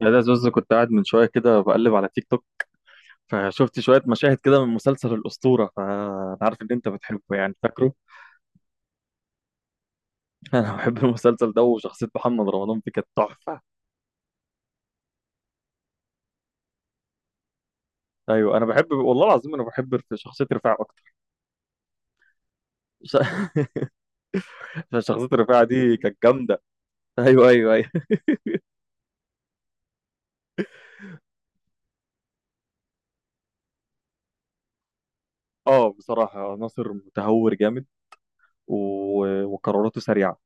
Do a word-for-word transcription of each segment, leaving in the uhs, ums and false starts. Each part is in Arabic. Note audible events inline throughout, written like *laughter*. يا ده زوز كنت قاعد من شويه كده بقلب على تيك توك. فشفت شويه مشاهد كده من مسلسل الاسطوره، فانا عارف ان انت بتحبه يعني فاكره. *laughs* انا بحب المسلسل ده، وشخصيه محمد رمضان فيه كانت تحفه. ايوه انا بحب والله العظيم، انا بحب رف- شخصيه رفاعه اكتر. ش- *laughs* فشخصيه رفاعه دي كانت جامده. ايوه ايوه ايوه. *laughs* اه بصراحه ناصر متهور جامد و... وقراراته سريعه.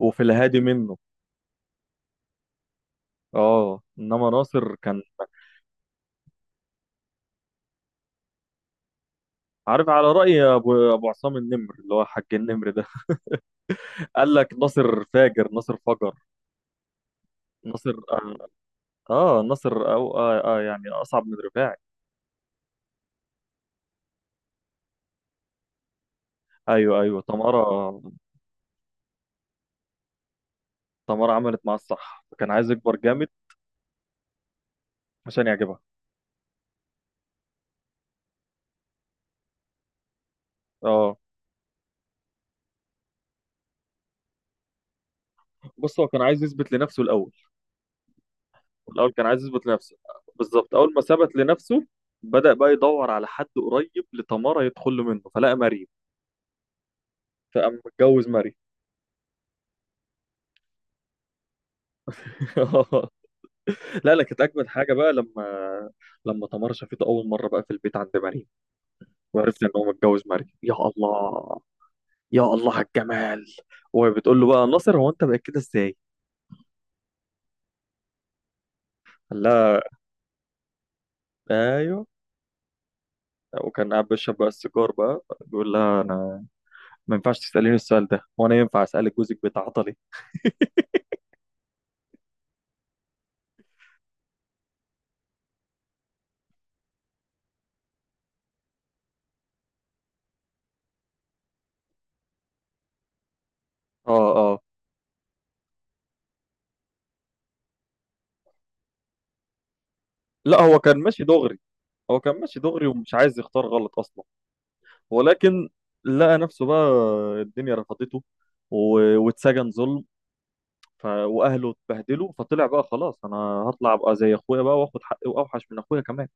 وفي الهادي منه. اه انما ناصر كان عارف، على راي ابو ابو عصام النمر اللي هو حاج النمر ده قال لك ناصر فاجر ناصر فجر. ناصر اه، آه، ناصر أو آه, اه يعني اصعب من رفاعي. ايوه ايوه تمارا. تمارا عملت معاه الصح، كان عايز يكبر جامد عشان يعجبها. اه بص هو كان عايز يثبت لنفسه الاول. الاول كان عايز يثبت لنفسه. بالظبط، اول ما ثبت لنفسه بدأ بقى يدور على حد قريب لتمارا يدخل له منه، فلقى مريم. فقام متجوز مريم. *laughs* لا لا كانت اجمد حاجه بقى لما، لما تمارا شافته اول مره بقى في البيت عند مريم، وعرفت ان هو متجوز مريم. يا الله، يا الله على الجمال. وبتقول له بقى ناصر، هو انت بقيت كده ازاي؟ قال لها ايوه. وكان قاعد بيشرب بقى السيجار بقى، بيقول لها: انا ما ينفعش تسأليني السؤال ده، هو انا ينفع اسألك جوزك بيتعاطى ليه؟ اه اه. لا هو كان ماشي دغري. هو كان ماشي دغري ومش عايز يختار غلط اصلا، ولكن لقى نفسه بقى الدنيا رفضته و- واتسجن ظلم، ف... واهله اتبهدلوا، فطلع بقى خلاص انا هطلع ابقى زي اخويا بقى، واخد حقي واوحش من اخويا كمان.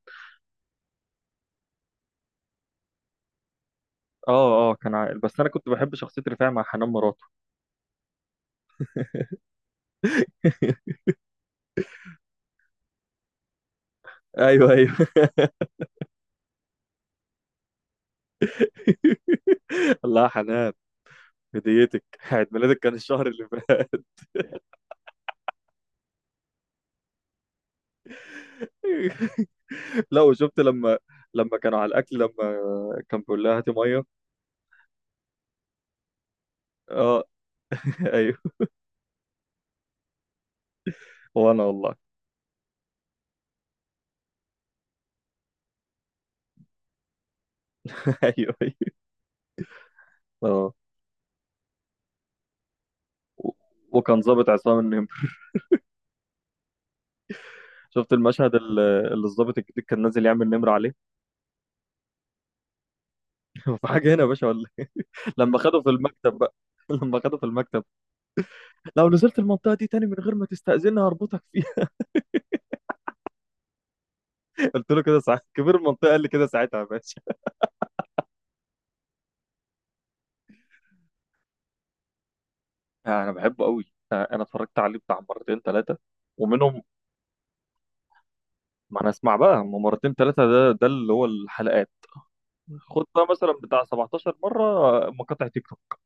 اه اه كان عاقل، بس انا كنت بحب شخصيه رفاعي مع حنان مراد. ايوه ايوه. *laughs* الله يا حنان. هديتك، عيد ميلادك كان الشهر اللي فات. *laughs* لا وشفت لما لما كانوا على الاكل لما كان بيقول لها هاتي ميه. اه. *laughs* ايوه. وانا والله. *laughs* ايوه ايوه اه. و- وكان ظابط عصام النمر. شفت المشهد ال- اللي الظابط الجديد كان نازل يعمل نمر عليه. *laughs* في حاجه هنا يا باشا ولا إيه؟ لما خده في المكتب بقى، *laughs* لما خده في المكتب: لو نزلت المنطقه دي تاني من غير ما تستأذني هربطك فيها. *laughs* قلت له كده ساعتها، كبير المنطقه قال لي كده ساعتها يا باشا. انا بحبه قوي. انا اتفرجت عليه بتاع مرتين ثلاثه، ومنهم. ما انا اسمع بقى، هم مرتين ثلاثه ده ده اللي هو الحلقات، خد بقى مثلا بتاع سبعتاشر مره مقاطع تيك توك.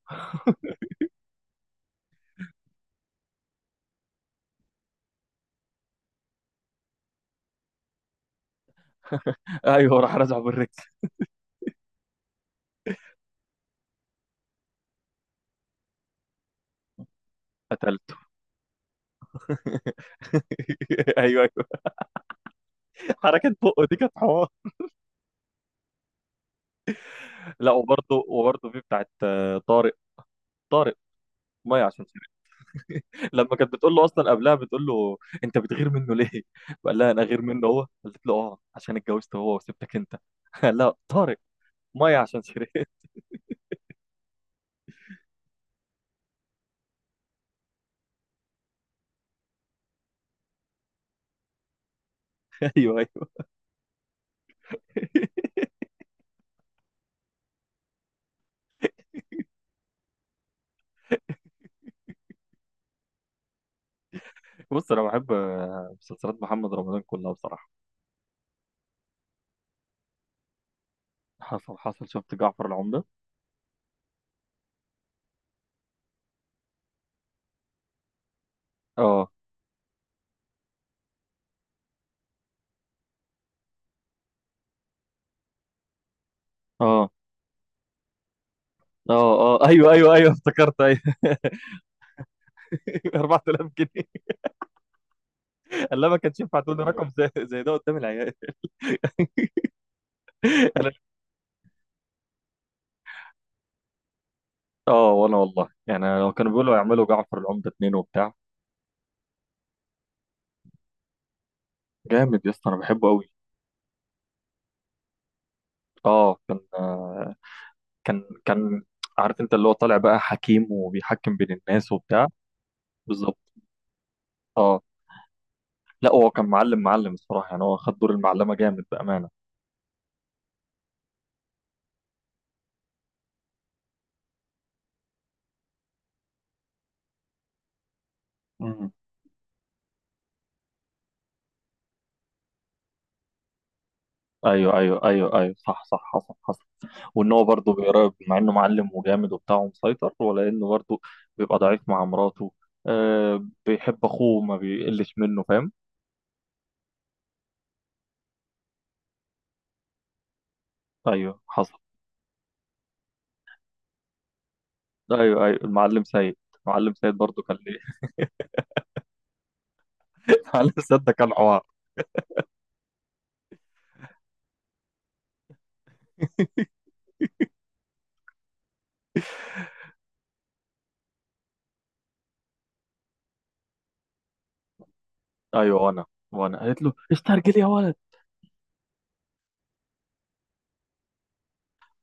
*laughs* ايوه راح رازعه بالريك. قتلته. *laughs* ايوه ايوه، حركه بقه دي كانت حوار. لا وبرضه وبرضه في بتاعت آه، طارق. طارق ميه عشان سيرك. *laughs* لما كانت بتقول له اصلا، قبلها بتقول له: انت بتغير منه ليه؟ قال لها انا غير منه هو، قالت له اه عشان اتجوزت هو وسبتك انت. *laughs* قال لها: طارق ميه عشان سيرك. *laughs* ايوه ايوه. *laughs* بص انا بحب آه، مسلسلات محمد رمضان كلها بصراحه. حصل حصل، شفت جعفر العمده. اه اه اه اه ايوه ايوه ايوه افتكرت ايوه. *laughs* اربعة الاف جنيه. قال: ما كانش ينفع تقول لي رقم زي زي ده قدام العيال. *laughs* أنا- اه وانا والله يعني، لو كانوا بيقولوا يعملوا جعفر العمده اتنين وبتاع. جامد يا اسطى، انا بحبه قوي. اه كان آه، كان كان عارف، انت اللي هو طالع بقى حكيم وبيحكم بين الناس وبتاع. بالظبط اه. لا هو كان معلم معلم الصراحه يعني، هو خد دور المعلمه جامد بامانه. مم. ايوه ايوه ايوه ايوه صح صح، حصل حصل. وان هو برضه بيراقب، مع انه معلم وجامد وبتاع ومسيطر، ولا انه برضه بيبقى ضعيف مع مراته. آه بيحب اخوه ما بيقلش منه فاهم. ايوه حصل. ايوه ايوه المعلم سيد، المعلم سيد برضه كان ليه. *laughs* المعلم سيد ده كان عوار. ايوه، وانا وانا قالت له استرجل يا ولد.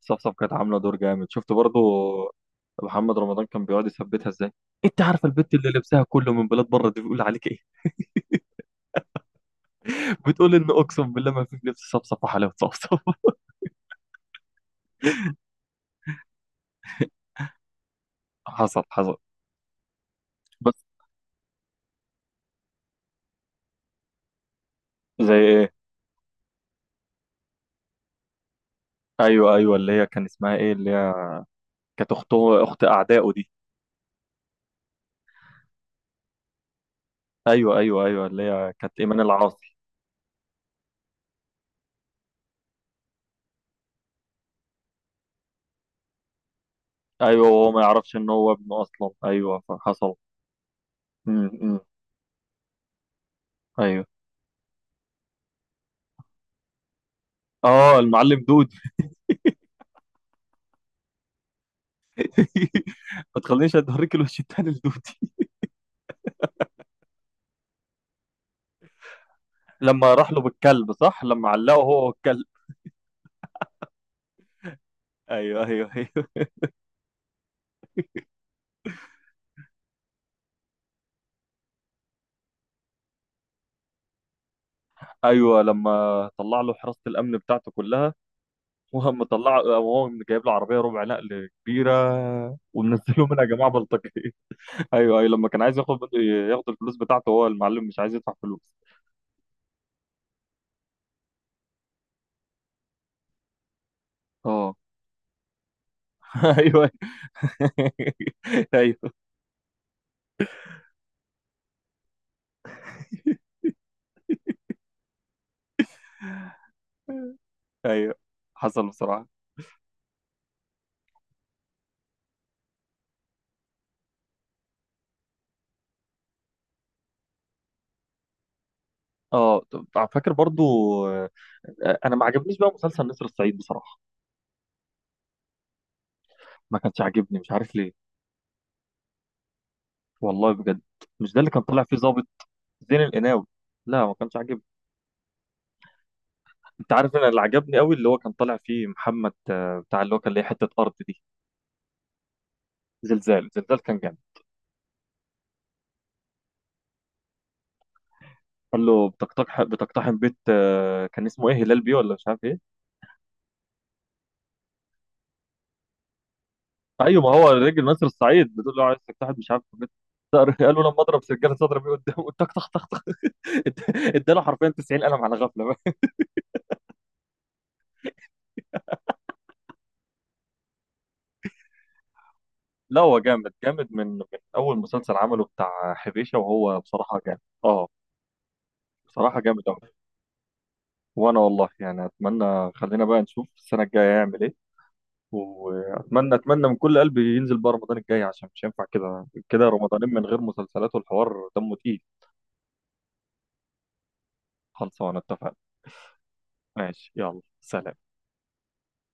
صفصف كانت عامله دور جامد. شفت برضو محمد رمضان كان بيقعد يثبتها ازاي؟ انت عارفه البت اللي لبسها كله من بلاد بره دي بيقول عليك ايه؟ *laughs* بتقول ان اقسم بالله، ما في لبس صفصف وحلاوه صفصف. *laughs* حصل حصل. بس زي ايه؟ ايوه ايوه، اللي هي كان اسمها ايه، اللي هي كانت اخته، اخت اعدائه دي. ايوه ايوه ايوه اللي هي كانت ايمان العاصي. ايوه وهو ما يعرفش ان هو ابنه اصلا، ايوه فحصل. امم إمم. ايوه اه المعلم دود. *laughs* ما تخلينيش اوريك الوش التاني لدود. لما راح له بالكلب صح، لما علقه هو والكلب. ايوه ايوه ايوه ايوه. لما طلع له حراسه الامن بتاعته كلها، وهم طلع وهو جايب له عربيه ربع نقل كبيره، ومنزله منها يا جماعه بلطجيه. *laughs* ايوه ايوه لما كان عايز ياخد، ياخد الفلوس بتاعته، هو المعلم مش عايز يدفع فلوس. اه. *laughs* ايوه. *laughs* ايوه ايوه حصل بصراحه. اه طب فاكر برضو، آه، انا ما عجبنيش بقى مسلسل نسر الصعيد بصراحه. ما كانش عاجبني مش عارف ليه. والله بجد. مش ده اللي كان طالع فيه ظابط؟ زين القناوي. لا ما كانش عاجبني. انت عارف انا اللي عجبني قوي، اللي هو كان طالع فيه محمد، آه، بتاع اللي هو كان ليه حته ارض دي. زلزال. زلزال كان جامد. قال له بتقتحم بتقتحم بيت آه، كان اسمه ايه، هلال بيه ولا مش عارف ايه. ايوه ما هو الراجل ناصر السعيد بتقول له عايز تقتحم، مش عارف بيت صقر. *laughs* قال له لما اضرب سجاده صدر بيه قدامه تك تك تك تك. *laughs* اد- اداله حرفيا تسعين قلم على غفله. *laughs* لا هو جامد جامد من من اول مسلسل عمله بتاع حبيشه، وهو بصراحه جامد. اه بصراحه جامد أوي. وانا والله يعني، اتمنى خلينا بقى نشوف السنه الجايه يعمل ايه. واتمنى، اتمنى من كل قلبي ينزل بقى رمضان الجاي، عشان مش هينفع كده كده رمضانين من غير مسلسلات والحوار دمه تقيل. خلصانه اتفقنا. ماشي يلا، سلام.